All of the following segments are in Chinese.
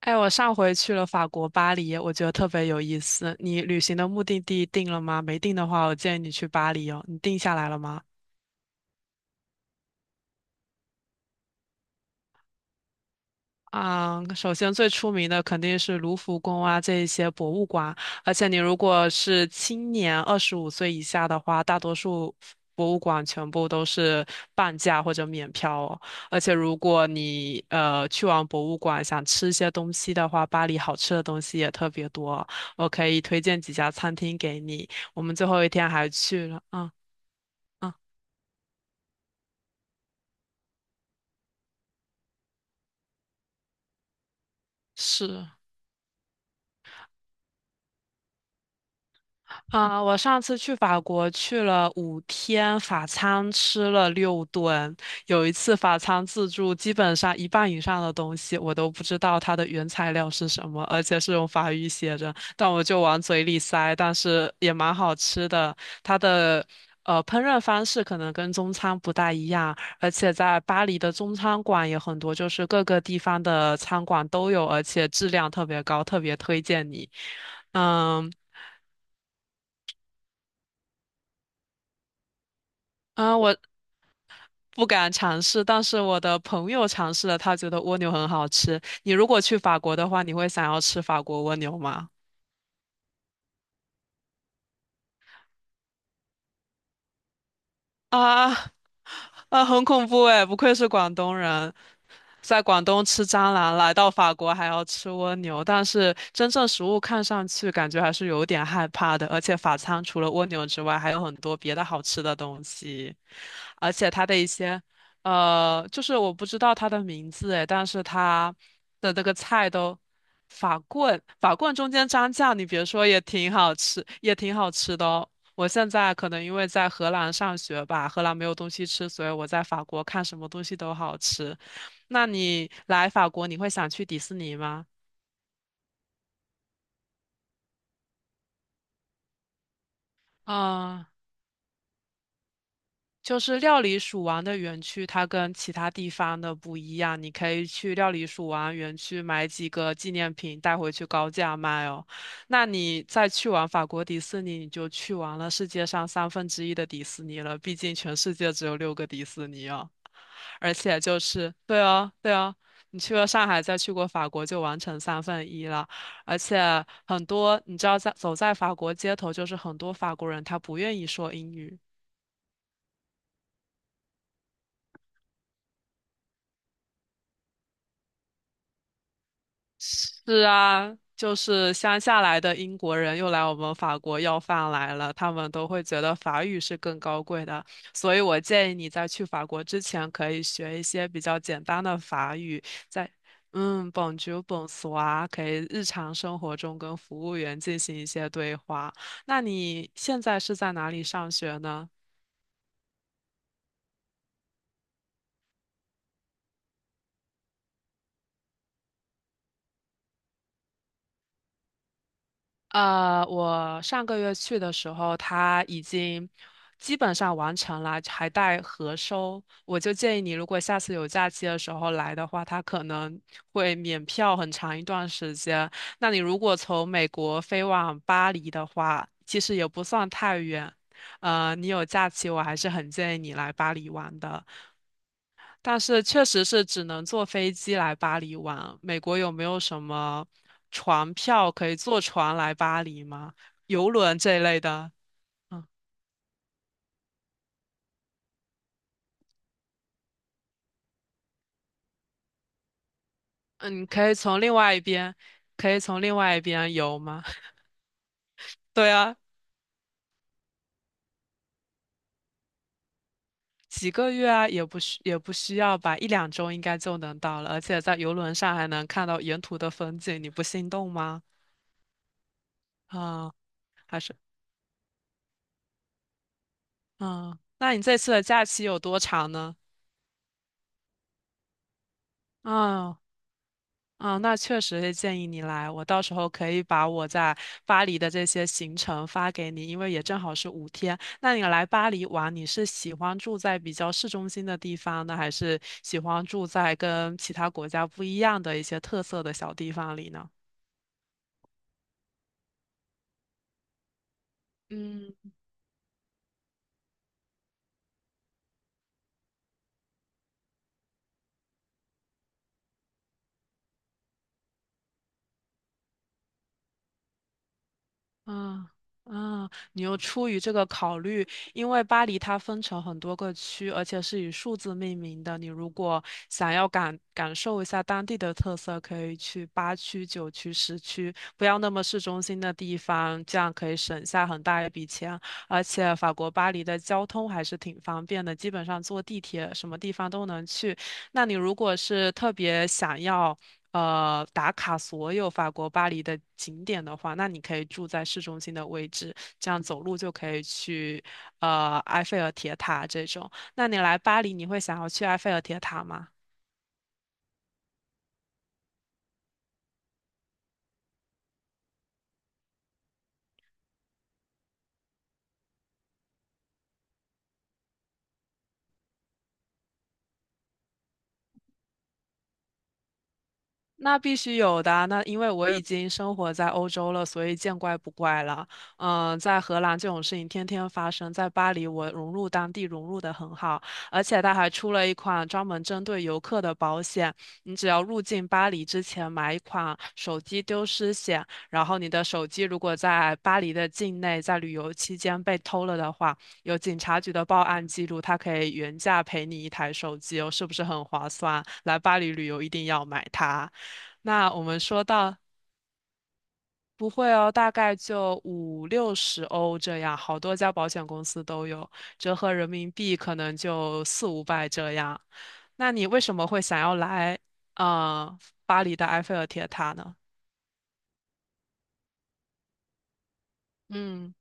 哎，我上回去了法国巴黎，我觉得特别有意思。你旅行的目的地定了吗？没定的话，我建议你去巴黎哦。你定下来了吗？啊，首先最出名的肯定是卢浮宫啊，这一些博物馆。而且你如果是青年25岁以下的话，大多数博物馆全部都是半价或者免票哦。而且如果你去完博物馆想吃一些东西的话，巴黎好吃的东西也特别多，我可以推荐几家餐厅给你。我们最后一天还去了，嗯，是。我上次去法国去了五天，法餐吃了6顿。有一次法餐自助，基本上一半以上的东西我都不知道它的原材料是什么，而且是用法语写着，但我就往嘴里塞，但是也蛮好吃的。它的烹饪方式可能跟中餐不大一样，而且在巴黎的中餐馆也很多，就是各个地方的餐馆都有，而且质量特别高，特别推荐你。嗯。嗯，我不敢尝试，但是我的朋友尝试了，他觉得蜗牛很好吃。你如果去法国的话，你会想要吃法国蜗牛吗？啊啊，很恐怖哎！不愧是广东人，在广东吃蟑螂，来到法国还要吃蜗牛。但是真正食物看上去感觉还是有点害怕的，而且法餐除了蜗牛之外，还有很多别的好吃的东西，而且它的一些就是我不知道它的名字哎，但是它的那个菜都。法棍，法棍中间蘸酱，你别说也挺好吃，也挺好吃的哦。我现在可能因为在荷兰上学吧，荷兰没有东西吃，所以我在法国看什么东西都好吃。那你来法国，你会想去迪士尼吗？嗯，就是料理鼠王的园区，它跟其他地方的不一样。你可以去料理鼠王园区买几个纪念品带回去高价卖哦。那你再去完法国迪士尼，你就去完了世界上三分之一的迪士尼了。毕竟全世界只有6个迪士尼哦。而且就是，对啊，对啊，你去过上海，再去过法国，就完成三分一了。而且很多，你知道在，走在法国街头，就是很多法国人他不愿意说英语，是啊，就是乡下来的英国人又来我们法国要饭来了，他们都会觉得法语是更高贵的，所以我建议你在去法国之前可以学一些比较简单的法语，在嗯，bonjour、bonsoir，可以日常生活中跟服务员进行一些对话。那你现在是在哪里上学呢？呃，我上个月去的时候，它已经基本上完成了，还带核收。我就建议你，如果下次有假期的时候来的话，它可能会免票很长一段时间。那你如果从美国飞往巴黎的话，其实也不算太远。呃，你有假期，我还是很建议你来巴黎玩的。但是确实是只能坐飞机来巴黎玩。美国有没有什么船票可以坐船来巴黎吗？游轮这一类的？嗯嗯，可以从另外一边，可以从另外一边游吗？对啊，几个月啊，也不需要吧，一两周应该就能到了。而且在游轮上还能看到沿途的风景，你不心动吗？啊、还是嗯，那你这次的假期有多长呢？啊、啊，那确实是建议你来，我到时候可以把我在巴黎的这些行程发给你，因为也正好是五天。那你来巴黎玩，你是喜欢住在比较市中心的地方呢，还是喜欢住在跟其他国家不一样的一些特色的小地方里呢？嗯。嗯，你又出于这个考虑，因为巴黎它分成很多个区，而且是以数字命名的。你如果想要感受一下当地的特色，可以去8区、9区、10区，不要那么市中心的地方，这样可以省下很大一笔钱。而且法国巴黎的交通还是挺方便的，基本上坐地铁什么地方都能去。那你如果是特别想要。打卡所有法国巴黎的景点的话，那你可以住在市中心的位置，这样走路就可以去埃菲尔铁塔这种。那你来巴黎，你会想要去埃菲尔铁塔吗？那必须有的啊那因为我已经生活在欧洲了，所以见怪不怪了。嗯，在荷兰这种事情天天发生，在巴黎我融入当地融入的很好，而且他还出了一款专门针对游客的保险，你只要入境巴黎之前买一款手机丢失险，然后你的手机如果在巴黎的境内在旅游期间被偷了的话，有警察局的报案记录，他可以原价赔你一台手机哦，是不是很划算？来巴黎旅游一定要买它。那我们说到不会哦，大概就50-60欧这样，好多家保险公司都有，折合人民币可能就400-500这样。那你为什么会想要来呃巴黎的埃菲尔铁塔呢？嗯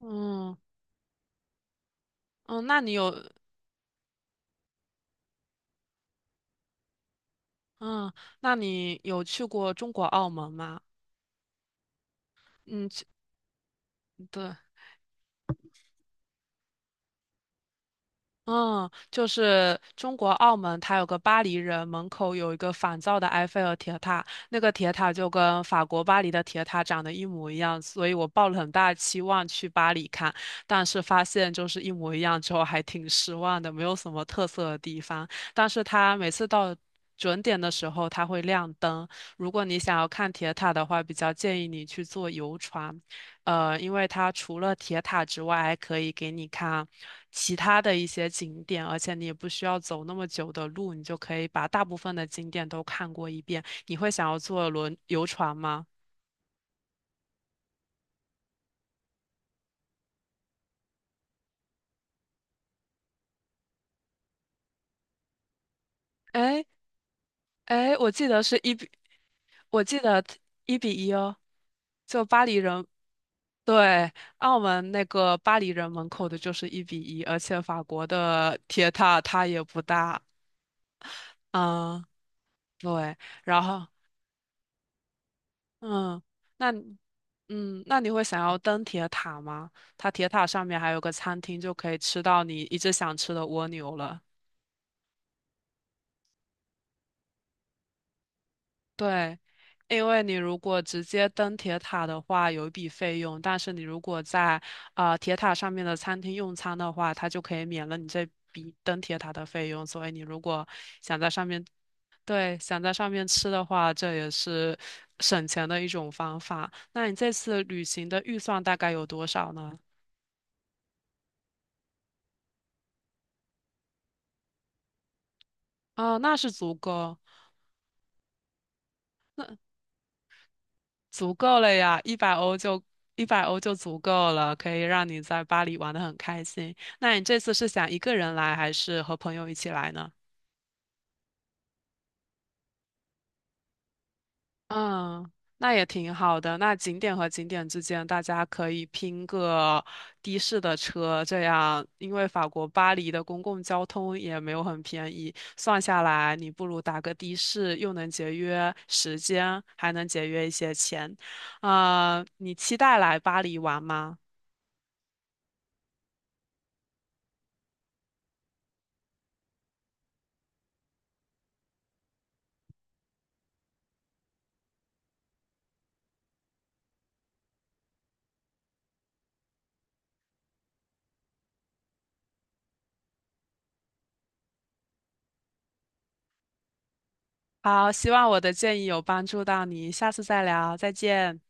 嗯嗯，那你有嗯，那你有去过中国澳门吗？嗯，对，嗯，就是中国澳门，它有个巴黎人，门口有一个仿造的埃菲尔铁塔，那个铁塔就跟法国巴黎的铁塔长得一模一样，所以我抱了很大的期望去巴黎看，但是发现就是一模一样之后，还挺失望的，没有什么特色的地方。但是它每次到准点的时候，它会亮灯，如果你想要看铁塔的话，比较建议你去坐游船。呃，因为它除了铁塔之外，还可以给你看其他的一些景点，而且你也不需要走那么久的路，你就可以把大部分的景点都看过一遍。你会想要坐轮游船吗？哎哎，我记得是一比，我记得一比一哦，就巴黎人。对，澳门那个巴黎人门口的就是一比一，而且法国的铁塔它也不大，嗯，对，然后。嗯，那你嗯，那你会想要登铁塔吗？它铁塔上面还有个餐厅，就可以吃到你一直想吃的蜗牛了。对，因为你如果直接登铁塔的话，有一笔费用，但是你如果在铁塔上面的餐厅用餐的话，它就可以免了你这笔登铁塔的费用。所以你如果想在上面，对，想在上面吃的话，这也是省钱的一种方法。那你这次旅行的预算大概有多少呢？哦，那是足够，足够了呀，一百欧就足够了，可以让你在巴黎玩得很开心。那你这次是想一个人来，还是和朋友一起来呢？嗯，那也挺好的。那景点和景点之间，大家可以拼个的士的车，这样，因为法国巴黎的公共交通也没有很便宜，算下来，你不如打个的士，又能节约时间，还能节约一些钱。你期待来巴黎玩吗？好，希望我的建议有帮助到你，下次再聊，再见。